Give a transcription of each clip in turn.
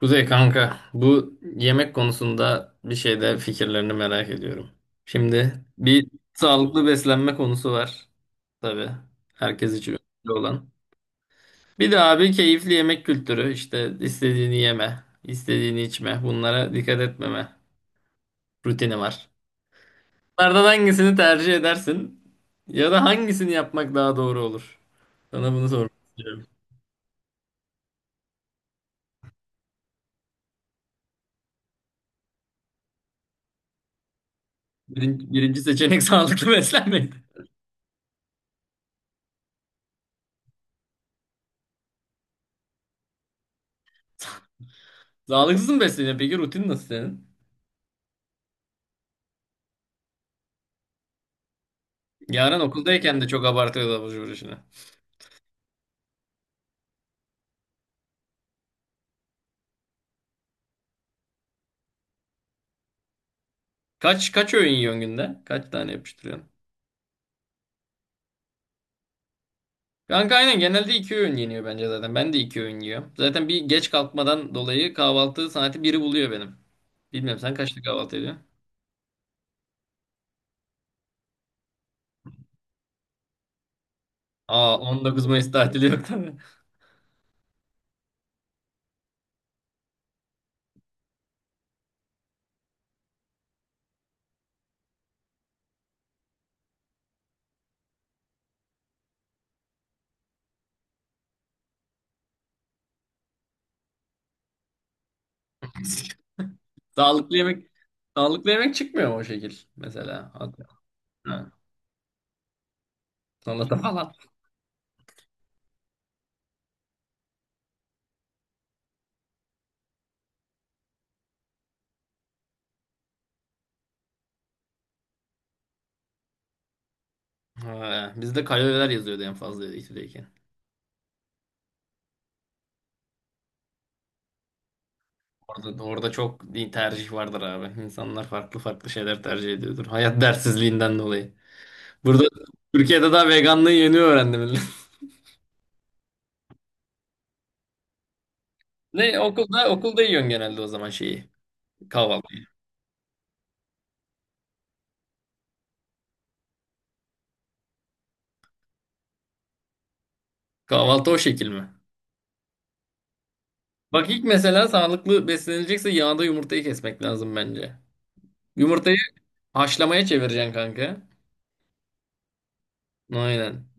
Kuzey kanka, bu yemek konusunda bir şeyde fikirlerini merak ediyorum. Şimdi bir sağlıklı beslenme konusu var. Tabii herkes için önemli olan. Bir de abi keyifli yemek kültürü. İşte istediğini yeme, istediğini içme, bunlara dikkat etmeme rutini var. Bunlardan hangisini tercih edersin ya da hangisini yapmak daha doğru olur? Sana bunu sormak istiyorum. Birinci seçenek sağlıklı beslenmek. Sağlıksız mı besleniyorsun? Peki rutin nasıl senin? Yarın okuldayken de çok abartıyordu abur cubur işini. Kaç öğün yiyorsun günde? Kaç tane yapıştırıyorsun? Kanka aynen genelde iki öğün yeniyor bence zaten. Ben de iki öğün yiyorum. Zaten bir geç kalkmadan dolayı kahvaltı saati biri buluyor benim. Bilmiyorum sen kaçta kahvaltı ediyorsun? Aa, 19 Mayıs tatili yok tabii. Sağlıklı yemek sağlıklı yemek çıkmıyor mu o şekil mesela? Ha, salata falan. Ha, bizde kaloriler yazıyordu en fazla ikide. Orada çok tercih vardır abi. İnsanlar farklı farklı şeyler tercih ediyordur. Hayat dersizliğinden dolayı. Burada Türkiye'de daha veganlığı yeni öğrendim. Ne okulda yiyorsun genelde o zaman şeyi? Kahvaltı. Kahvaltı o şekil mi? Bak ilk mesela sağlıklı beslenilecekse yağda yumurtayı kesmek lazım bence. Yumurtayı haşlamaya çevireceksin kanka. Aynen.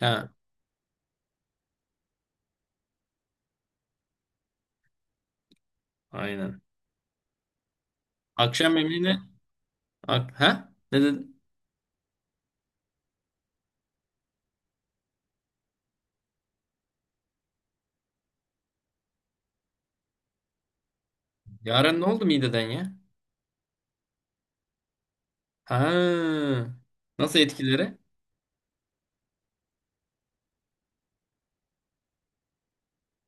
Ha, aynen. Akşam yemeğine ha? Ne dedin? Yaren ne oldu mideden ya? Ha. Nasıl etkileri?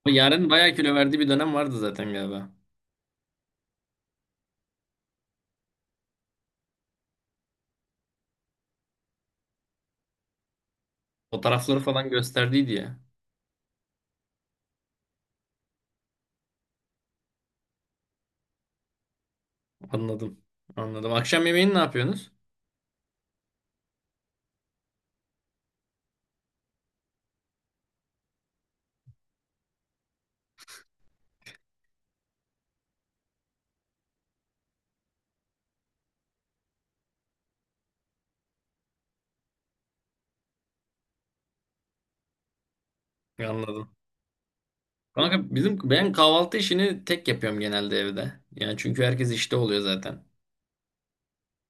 Yaren bayağı kilo verdiği bir dönem vardı zaten galiba. Fotoğrafları falan gösterdiydi ya. Anladım. Anladım. Akşam yemeğini ne yapıyorsunuz? Anladım. Kanka bizim ben kahvaltı işini tek yapıyorum genelde evde. Yani çünkü herkes işte oluyor zaten.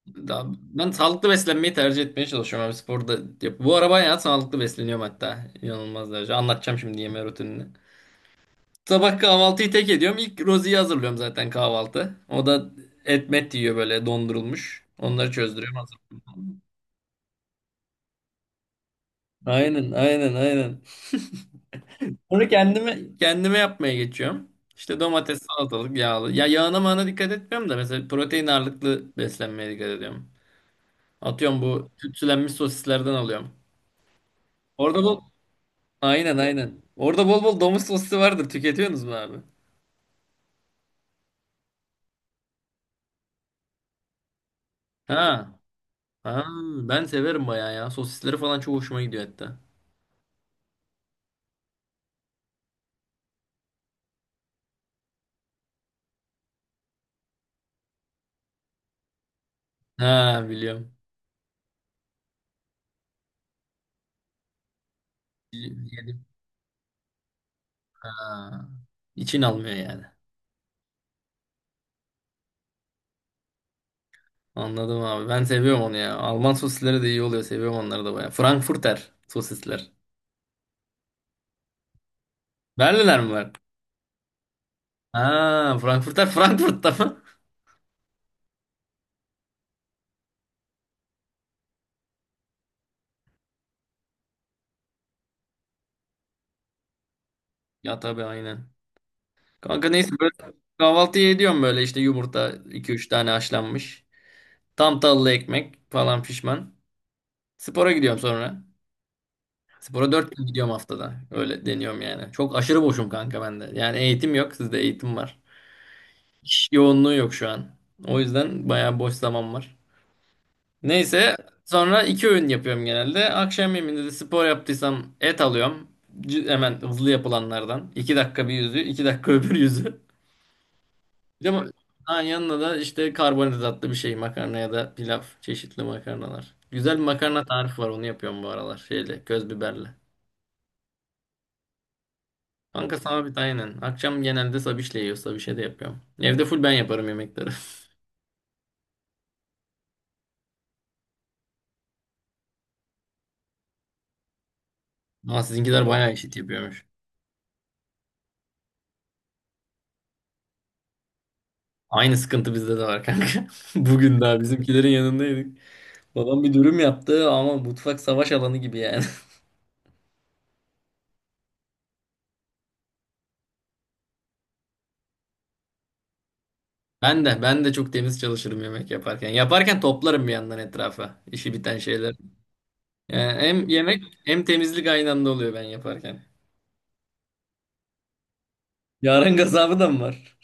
Daha, ben sağlıklı beslenmeyi tercih etmeye çalışıyorum abi sporda. Yap. Bu ara bayağı sağlıklı besleniyorum hatta. İnanılmaz derece. Anlatacağım şimdi yeme rutinini. Sabah kahvaltıyı tek ediyorum. İlk Rozi'yi hazırlıyorum zaten kahvaltı. O da et met yiyor böyle dondurulmuş. Onları çözdürüyorum. Aynen, aynen, aynen. Bunu kendime yapmaya geçiyorum. İşte domates, salatalık, yağlı. Ya yağına mağına dikkat etmiyorum da mesela protein ağırlıklı beslenmeye dikkat ediyorum. Atıyorum bu tütsülenmiş sosislerden alıyorum. Orada bol Aynen, aynen. Orada bol bol domuz sosisi vardır. Tüketiyorsunuz mu abi? Ha. Ha, ben severim bayağı ya. Sosisleri falan çok hoşuma gidiyor hatta. Ha, biliyorum. Yedim. Ha. İçin almıyor yani. Anladım abi. Ben seviyorum onu ya. Alman sosisleri de iyi oluyor. Seviyorum onları da bayağı. Frankfurter sosisler. Berliner mi var? Ha, Frankfurter Frankfurt'ta mı? Ya tabii aynen. Kanka neyse böyle kahvaltıyı ediyorum böyle işte yumurta iki üç tane haşlanmış. Tam tahıllı ekmek falan pişman. Spora gidiyorum sonra. Spora 4 gün gidiyorum haftada. Öyle deniyorum yani. Çok aşırı boşum kanka bende. Yani eğitim yok. Sizde eğitim var. İş yoğunluğu yok şu an. O yüzden bayağı boş zaman var. Neyse sonra iki öğün yapıyorum genelde. Akşam yemeğinde de spor yaptıysam et alıyorum. Hemen hızlı yapılanlardan. 2 dakika bir yüzü, 2 dakika öbür yüzü. Bir de ha, yanına da işte karbonhidratlı bir şey makarna ya da pilav. Çeşitli makarnalar. Güzel bir makarna tarifi var onu yapıyorum bu aralar. Şeyle köz biberle. Kanka sabit aynen. Akşam genelde sabişle yiyor. Sabişe de yapıyorum. Evde full ben yaparım yemekleri. Ama sizinkiler bayağı eşit yapıyormuş. Aynı sıkıntı bizde de var kanka. Bugün daha bizimkilerin yanındaydık. Babam bir dürüm yaptı ama mutfak savaş alanı gibi yani. Ben de çok temiz çalışırım yemek yaparken. Yaparken toplarım bir yandan etrafa işi biten şeyler. Yani hem yemek hem temizlik aynı anda oluyor ben yaparken. Yaren gazabı da mı var?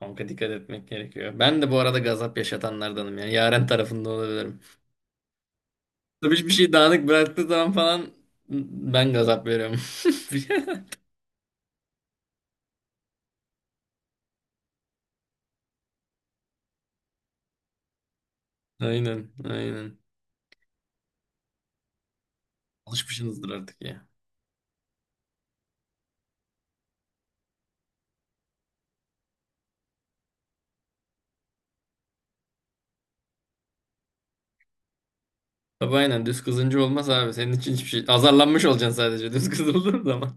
Kanka dikkat etmek gerekiyor. Ben de bu arada gazap yaşatanlardanım yani. Yaren tarafında olabilirim. Tabii hiçbir şey dağınık bıraktığı zaman falan ben gazap veriyorum. Aynen, aynen. Alışmışsınızdır artık ya. Tabii aynen düz kızınca olmaz abi. Senin için hiçbir şey. Azarlanmış olacaksın sadece düz kızıldığın zaman.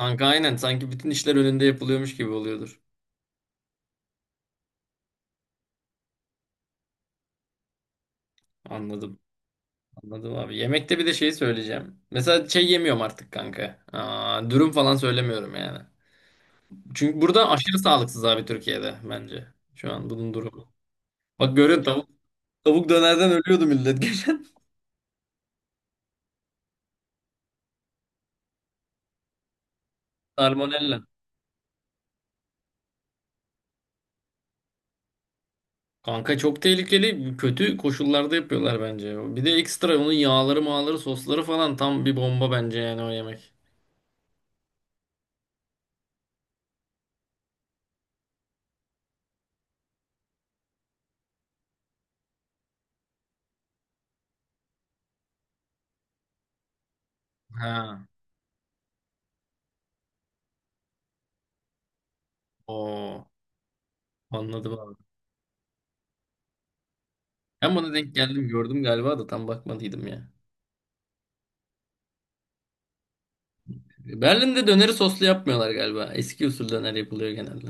Kanka aynen sanki bütün işler önünde yapılıyormuş gibi oluyordur. Anladım. Anladım abi. Yemekte bir de şeyi söyleyeceğim. Mesela şey yemiyorum artık kanka. Aa, dürüm falan söylemiyorum yani. Çünkü burada aşırı sağlıksız abi Türkiye'de bence. Şu an bunun durumu. Bak görüyorsun tavuk dönerden ölüyordu millet geçen. Salmonella. Kanka çok tehlikeli. Kötü koşullarda yapıyorlar bence. Bir de ekstra onun yağları, mağları, sosları falan tam bir bomba bence yani o yemek. Ha. O. Anladım abi. Ben buna denk geldim gördüm galiba da tam bakmadıydım ya. Berlin'de döneri soslu yapmıyorlar galiba. Eski usul döner yapılıyor genelde.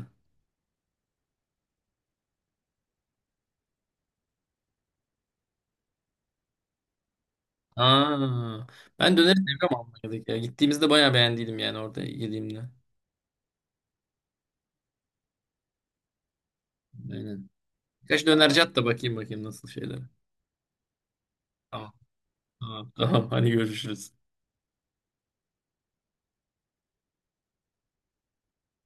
Aa, ben döneri seviyorum Almanya'daki ya. Gittiğimizde bayağı beğendiydim yani orada yediğimde. Aynen. Kaç dönerci at da bakayım bakayım nasıl şeyler. Tamam. Tamam. Tamam. Hadi görüşürüz.